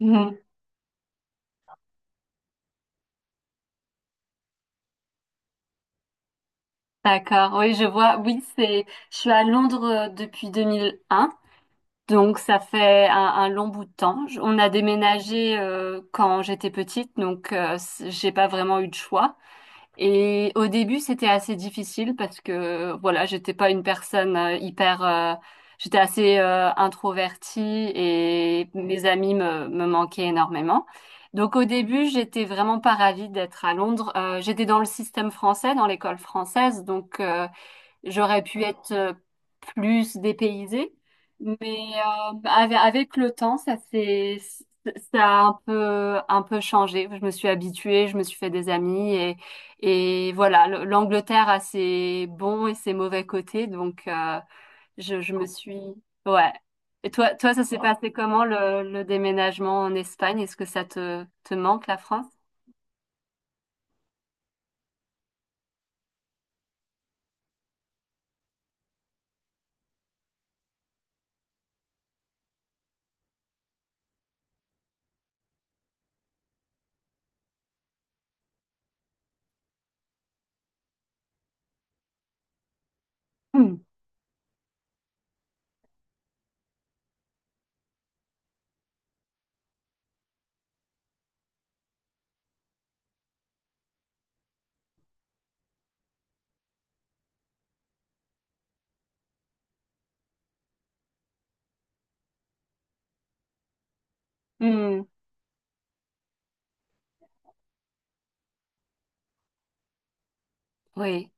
Mhm. D'accord, oui, je vois. Oui, c'est. Je suis à Londres depuis 2001, donc ça fait un long bout de temps. On a déménagé quand j'étais petite, donc j'ai pas vraiment eu de choix. Et au début, c'était assez difficile parce que voilà, j'étais pas une personne j'étais assez introvertie et mes me manquaient énormément. Donc au début, j'étais vraiment pas ravie d'être à Londres. J'étais dans le système français, dans l'école française, j'aurais pu être plus dépaysée, mais avec le temps, ça a un peu changé. Je me suis habituée, je me suis fait des amis et voilà, l'Angleterre a ses bons et ses mauvais côtés, je me suis, ouais. Et toi, ça s'est passé comment le déménagement en Espagne? Est-ce que ça te manque la France? Hmm. Hmm. Oui.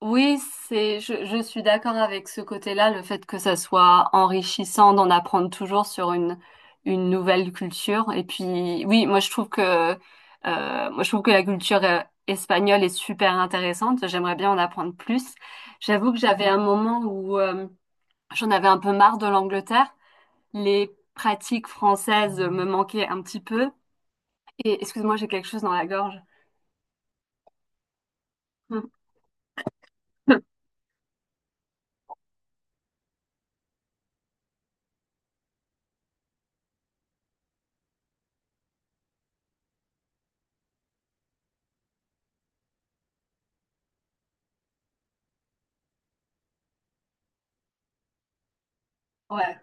Oui, je suis d'accord avec ce côté-là, le fait que ça soit enrichissant d'en apprendre toujours sur une nouvelle culture. Et puis, oui, moi je trouve que, moi je trouve que la culture espagnole est super intéressante. J'aimerais bien en apprendre plus. J'avoue que j'avais un moment où j'en avais un peu marre de l'Angleterre. Les pratiques françaises me manquaient un petit peu. Et excuse-moi, j'ai quelque chose dans la gorge. Ouais,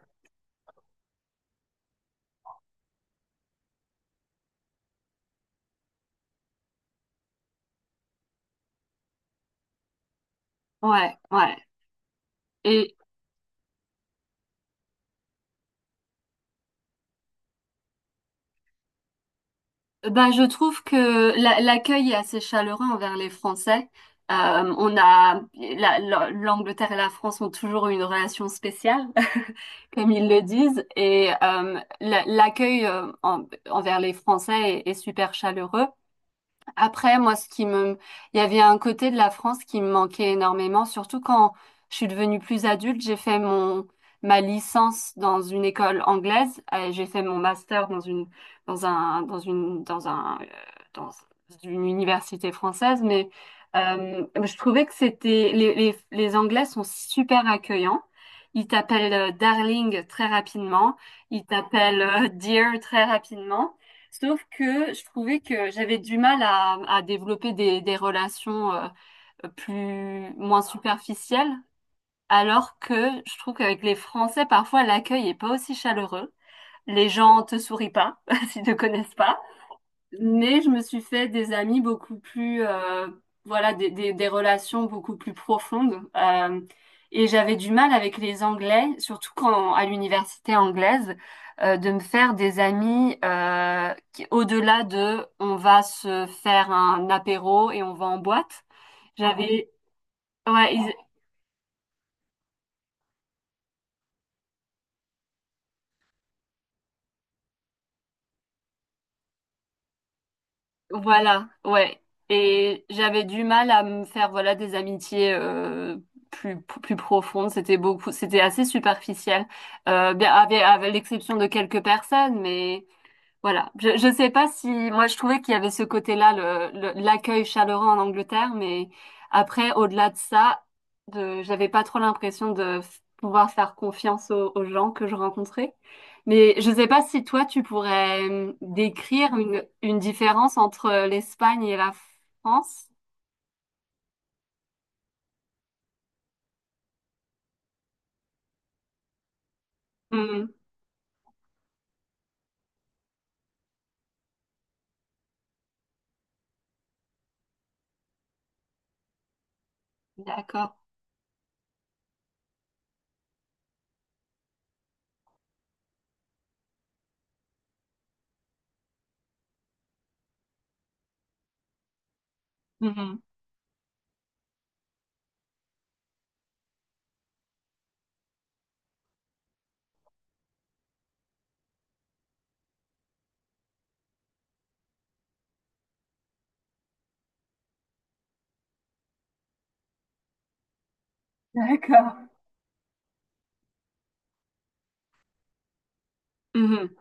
ouais. Et, ben, je trouve que l'accueil est assez chaleureux envers les Français. On a l'Angleterre et la France ont toujours eu une relation spéciale, comme ils le disent, et l'accueil envers les Français est super chaleureux. Après, moi, il y avait un côté de la France qui me manquait énormément, surtout quand je suis devenue plus adulte. J'ai fait mon ma licence dans une école anglaise, j'ai fait mon master dans une dans un dans une dans un dans une université française, mais je trouvais que c'était les Anglais sont super accueillants. Ils t'appellent darling très rapidement, ils t'appellent dear très rapidement. Sauf que je trouvais que j'avais du mal à développer des relations plus moins superficielles, alors que je trouve qu'avec les Français, parfois l'accueil est pas aussi chaleureux. Les gens te sourient pas s'ils te connaissent pas. Mais je me suis fait des amis beaucoup plus, voilà, des relations beaucoup plus profondes. Et j'avais du mal avec les Anglais, surtout quand à l'université anglaise, de me faire des amis au-delà de on va se faire un apéro et on va en boîte. J'avais, ouais, ils voilà, ouais. Et j'avais du mal à me faire voilà des amitiés plus profondes. C'était assez superficiel, avec l'exception de quelques personnes, mais voilà. Je sais pas si, moi, je trouvais qu'il y avait ce côté-là, l'accueil chaleureux en Angleterre, mais après, au-delà de ça, j'avais pas trop l'impression de pouvoir faire confiance aux gens que je rencontrais. Mais je sais pas si toi, tu pourrais décrire une différence entre l'Espagne et la France. Mhm. D'accord. Mhm. D'accord. Mhm.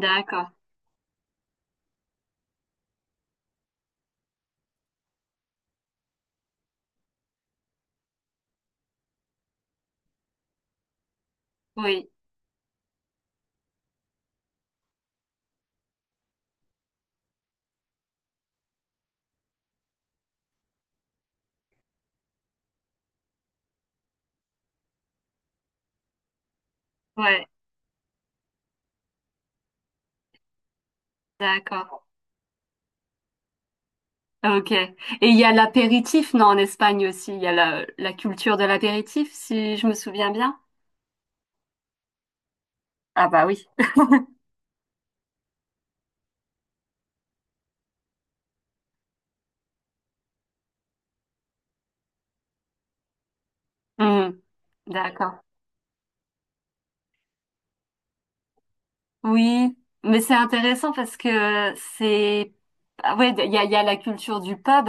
D'accord. Oui. Ouais. D'accord. Ok. Et il y a l'apéritif, non, en Espagne aussi. Il y a la culture de l'apéritif, si je me souviens bien. Ah bah oui. Hmm, d'accord. Oui, mais c'est intéressant parce que c'est... ah ouais, il y a la culture du pub,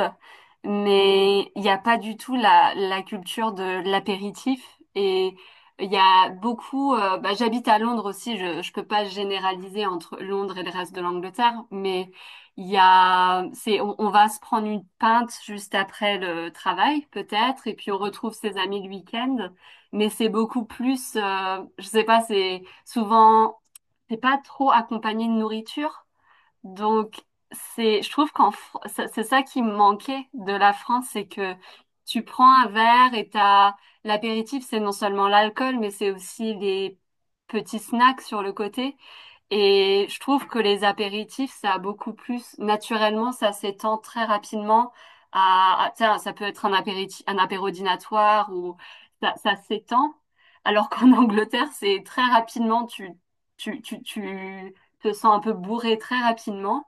mais il n'y a pas du tout la culture de l'apéritif. Et il y a beaucoup... j'habite à Londres aussi, je peux pas généraliser entre Londres et le reste de l'Angleterre, mais il y a... on va se prendre une pinte juste après le travail, peut-être, et puis on retrouve ses amis le week-end. Mais c'est beaucoup plus... je sais pas, c'est souvent t'es pas trop accompagné de nourriture. Donc, c'est, je trouve c'est ça qui me manquait de la France, c'est que tu prends un verre et t'as, l'apéritif, c'est non seulement l'alcool, mais c'est aussi les petits snacks sur le côté. Et je trouve que les apéritifs, ça a beaucoup plus, naturellement, ça s'étend très rapidement tiens, ça peut être un apéritif, un apéro dînatoire ou ça s'étend. Alors qu'en Angleterre, c'est très rapidement, tu te sens un peu bourré très rapidement.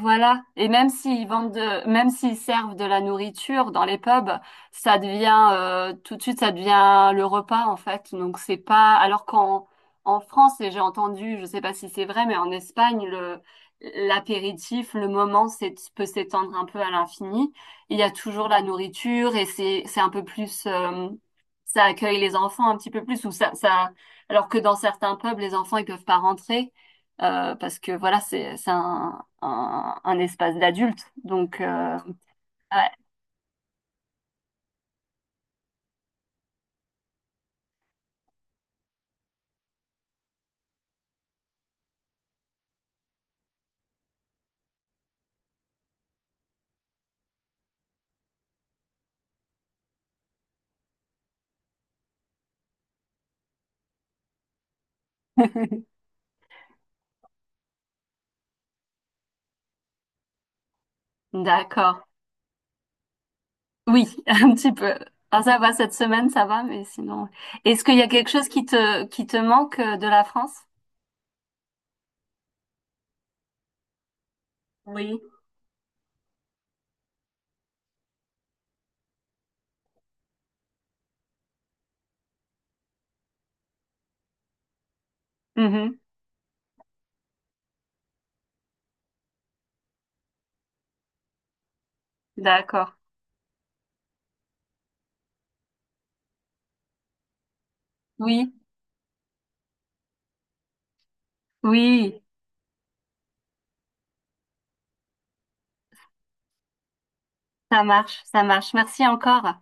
Voilà. Et même s'ils vendent de, même s'ils servent de la nourriture dans les pubs, tout de suite, ça devient le repas, en fait. Donc, c'est pas, en France, et j'ai entendu, je sais pas si c'est vrai, mais en Espagne, l'apéritif, le moment, c'est, peut s'étendre un peu à l'infini. Il y a toujours la nourriture et c'est un peu plus, ça accueille les enfants un petit peu plus ou alors que dans certains pubs, les enfants, ils peuvent pas rentrer parce que voilà, c'est un espace d'adulte. Ouais. D'accord. Oui, un petit peu. Ah, ça va, cette semaine, ça va, mais sinon. Est-ce qu'il y a quelque chose qui te manque de la France? Oui. Mhm. D'accord. Oui, oui, ça marche, ça marche. Merci encore.